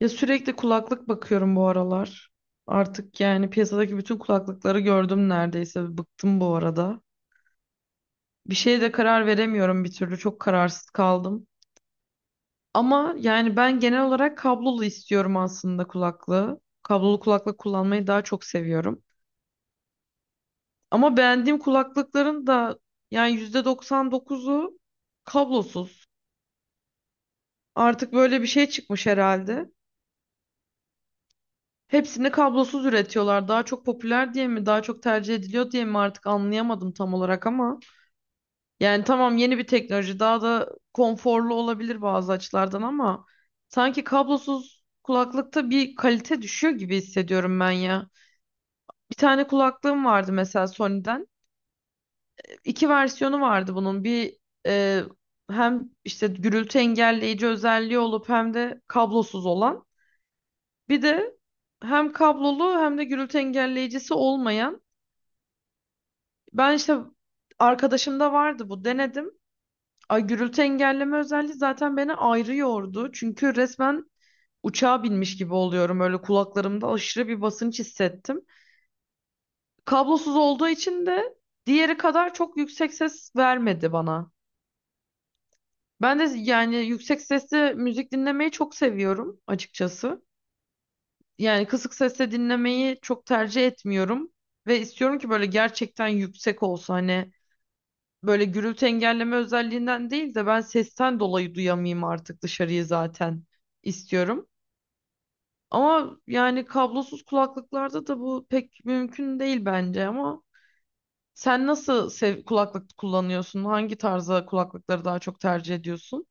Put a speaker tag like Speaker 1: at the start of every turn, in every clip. Speaker 1: Ya sürekli kulaklık bakıyorum bu aralar. Artık yani piyasadaki bütün kulaklıkları gördüm neredeyse. Bıktım bu arada. Bir şeye de karar veremiyorum bir türlü. Çok kararsız kaldım. Ama yani ben genel olarak kablolu istiyorum aslında kulaklığı. Kablolu kulaklık kullanmayı daha çok seviyorum. Ama beğendiğim kulaklıkların da yani %99'u kablosuz. Artık böyle bir şey çıkmış herhalde. Hepsini kablosuz üretiyorlar. Daha çok popüler diye mi, daha çok tercih ediliyor diye mi artık anlayamadım tam olarak ama yani tamam, yeni bir teknoloji daha da konforlu olabilir bazı açılardan ama sanki kablosuz kulaklıkta bir kalite düşüyor gibi hissediyorum ben ya. Bir tane kulaklığım vardı mesela Sony'den. İki versiyonu vardı bunun. Bir e, hem işte gürültü engelleyici özelliği olup hem de kablosuz olan. Bir de hem kablolu hem de gürültü engelleyicisi olmayan. Ben işte arkadaşımda vardı bu, denedim. Ay, gürültü engelleme özelliği zaten beni ayrı yordu. Çünkü resmen uçağa binmiş gibi oluyorum. Öyle kulaklarımda aşırı bir basınç hissettim. Kablosuz olduğu için de diğeri kadar çok yüksek ses vermedi bana. Ben de yani yüksek sesli müzik dinlemeyi çok seviyorum açıkçası. Yani kısık sesle dinlemeyi çok tercih etmiyorum. Ve istiyorum ki böyle gerçekten yüksek olsa, hani böyle gürültü engelleme özelliğinden değil de ben sesten dolayı duyamayayım artık dışarıyı, zaten istiyorum. Ama yani kablosuz kulaklıklarda da bu pek mümkün değil bence ama sen nasıl sev kulaklık kullanıyorsun? Hangi tarza kulaklıkları daha çok tercih ediyorsun?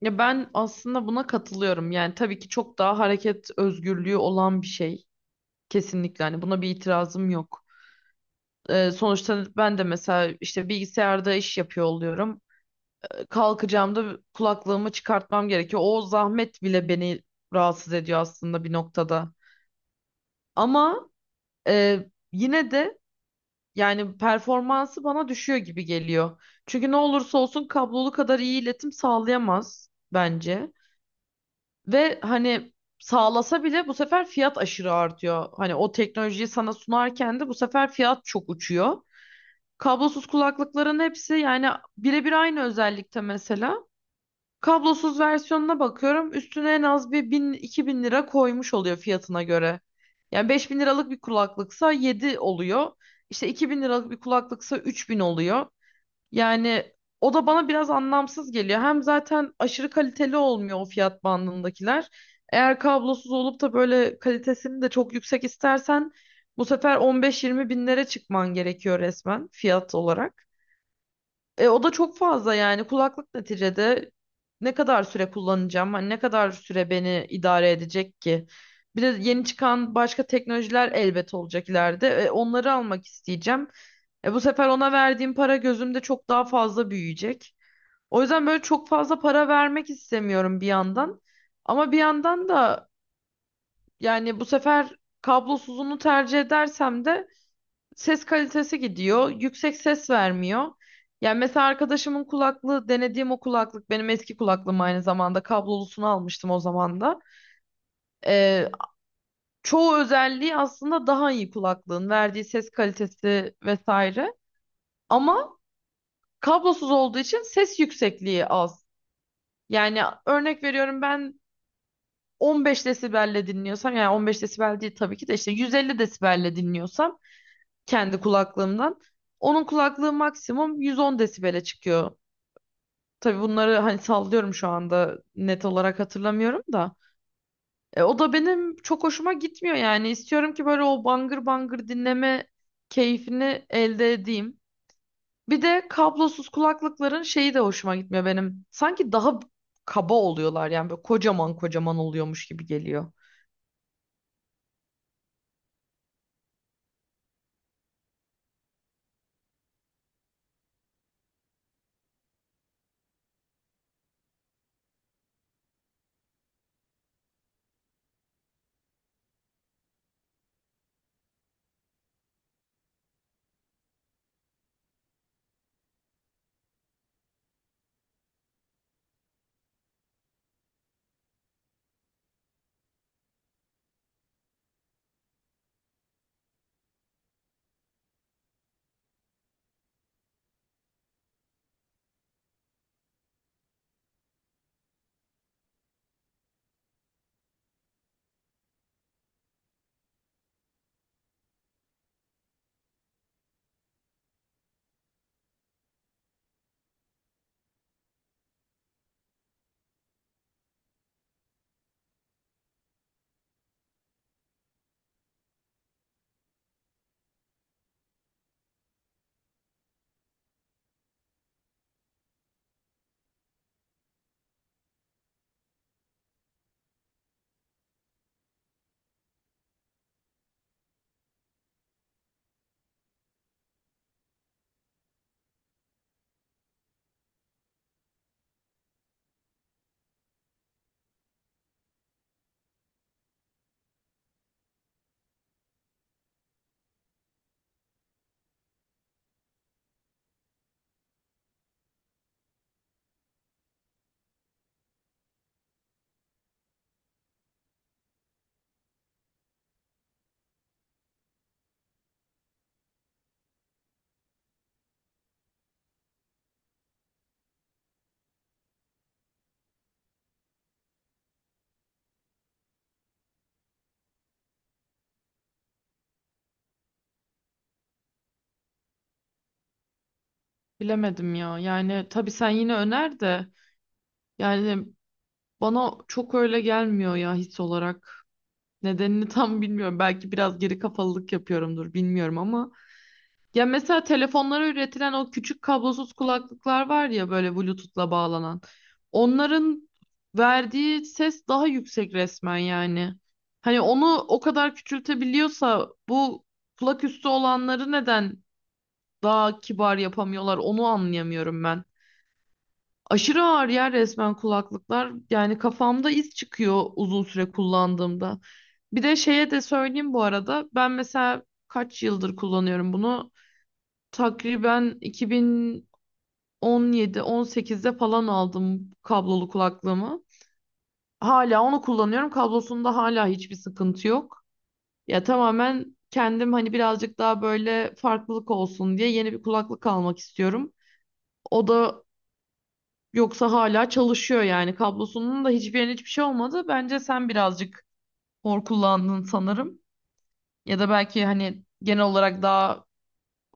Speaker 1: Ya ben aslında buna katılıyorum. Yani tabii ki çok daha hareket özgürlüğü olan bir şey. Kesinlikle hani buna bir itirazım yok. Sonuçta ben de mesela işte bilgisayarda iş yapıyor oluyorum. Kalkacağımda kulaklığımı çıkartmam gerekiyor. O zahmet bile beni rahatsız ediyor aslında bir noktada. Ama e, yine de yani performansı bana düşüyor gibi geliyor. Çünkü ne olursa olsun kablolu kadar iyi iletim sağlayamaz bence. Ve hani sağlasa bile bu sefer fiyat aşırı artıyor. Hani o teknolojiyi sana sunarken de bu sefer fiyat çok uçuyor. Kablosuz kulaklıkların hepsi yani birebir aynı özellikte mesela. Kablosuz versiyonuna bakıyorum. Üstüne en az bir bin iki bin lira koymuş oluyor fiyatına göre. Yani 5000 liralık bir kulaklıksa 7 oluyor. İşte 2000 liralık bir kulaklıksa 3000 oluyor. Yani o da bana biraz anlamsız geliyor. Hem zaten aşırı kaliteli olmuyor o fiyat bandındakiler. Eğer kablosuz olup da böyle kalitesini de çok yüksek istersen bu sefer 15-20 binlere çıkman gerekiyor resmen fiyat olarak. O da çok fazla yani, kulaklık neticede ne kadar süre kullanacağım? Hani ne kadar süre beni idare edecek ki? Bir de yeni çıkan başka teknolojiler elbet olacak ileride. Onları almak isteyeceğim. Bu sefer ona verdiğim para gözümde çok daha fazla büyüyecek. O yüzden böyle çok fazla para vermek istemiyorum bir yandan. Ama bir yandan da yani bu sefer kablosuzunu tercih edersem de ses kalitesi gidiyor. Yüksek ses vermiyor. Yani mesela arkadaşımın kulaklığı, denediğim o kulaklık benim eski kulaklığım aynı zamanda, kablolusunu almıştım o zaman da. Ee, Çoğu özelliği aslında daha iyi kulaklığın, verdiği ses kalitesi vesaire. Ama kablosuz olduğu için ses yüksekliği az. Yani örnek veriyorum, ben 15 desibelle dinliyorsam, yani 15 desibel değil tabii ki de, işte 150 desibelle dinliyorsam kendi kulaklığımdan, onun kulaklığı maksimum 110 desibele çıkıyor. Tabii bunları hani sallıyorum, şu anda net olarak hatırlamıyorum da. O da benim çok hoşuma gitmiyor yani. İstiyorum ki böyle o bangır bangır dinleme keyfini elde edeyim. Bir de kablosuz kulaklıkların şeyi de hoşuma gitmiyor benim. Sanki daha kaba oluyorlar, yani böyle kocaman kocaman oluyormuş gibi geliyor. Bilemedim ya. Yani tabii sen yine öner de, yani bana çok öyle gelmiyor ya his olarak. Nedenini tam bilmiyorum. Belki biraz geri kafalılık yapıyorumdur, bilmiyorum, ama ya mesela telefonlara üretilen o küçük kablosuz kulaklıklar var ya, böyle Bluetooth'la bağlanan. Onların verdiği ses daha yüksek resmen yani. Hani onu o kadar küçültebiliyorsa bu kulak üstü olanları neden daha kibar yapamıyorlar, onu anlayamıyorum ben. Aşırı ağır ya resmen kulaklıklar. Yani kafamda iz çıkıyor uzun süre kullandığımda. Bir de şeye de söyleyeyim bu arada. Ben mesela kaç yıldır kullanıyorum bunu? Takriben 2017-18'de falan aldım kablolu kulaklığımı. Hala onu kullanıyorum. Kablosunda hala hiçbir sıkıntı yok. Ya tamamen kendim hani birazcık daha böyle farklılık olsun diye yeni bir kulaklık almak istiyorum. O da, yoksa hala çalışıyor yani. Kablosunun da hiçbir yerine hiçbir şey olmadı. Bence sen birazcık hor kullandın sanırım. Ya da belki hani genel olarak daha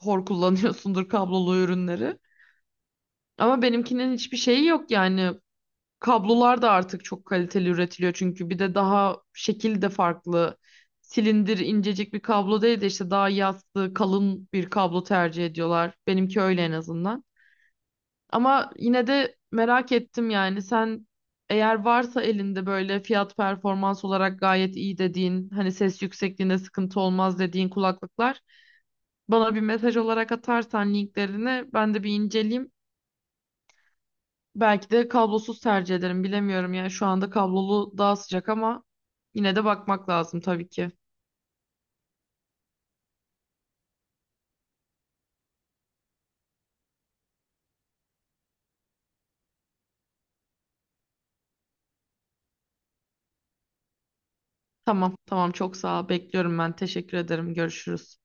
Speaker 1: hor kullanıyorsundur kablolu ürünleri. Ama benimkinin hiçbir şeyi yok yani. Kablolar da artık çok kaliteli üretiliyor çünkü, bir de daha şekil de farklı. Silindir incecik bir kablo değil de işte daha yassı, kalın bir kablo tercih ediyorlar. Benimki öyle en azından. Ama yine de merak ettim yani, sen eğer varsa elinde böyle fiyat performans olarak gayet iyi dediğin, hani ses yüksekliğinde sıkıntı olmaz dediğin kulaklıklar, bana bir mesaj olarak atarsan linklerini ben de bir inceleyeyim. Belki de kablosuz tercih ederim, bilemiyorum yani, şu anda kablolu daha sıcak ama yine de bakmak lazım tabii ki. Tamam tamam, çok sağ ol, bekliyorum ben, teşekkür ederim, görüşürüz.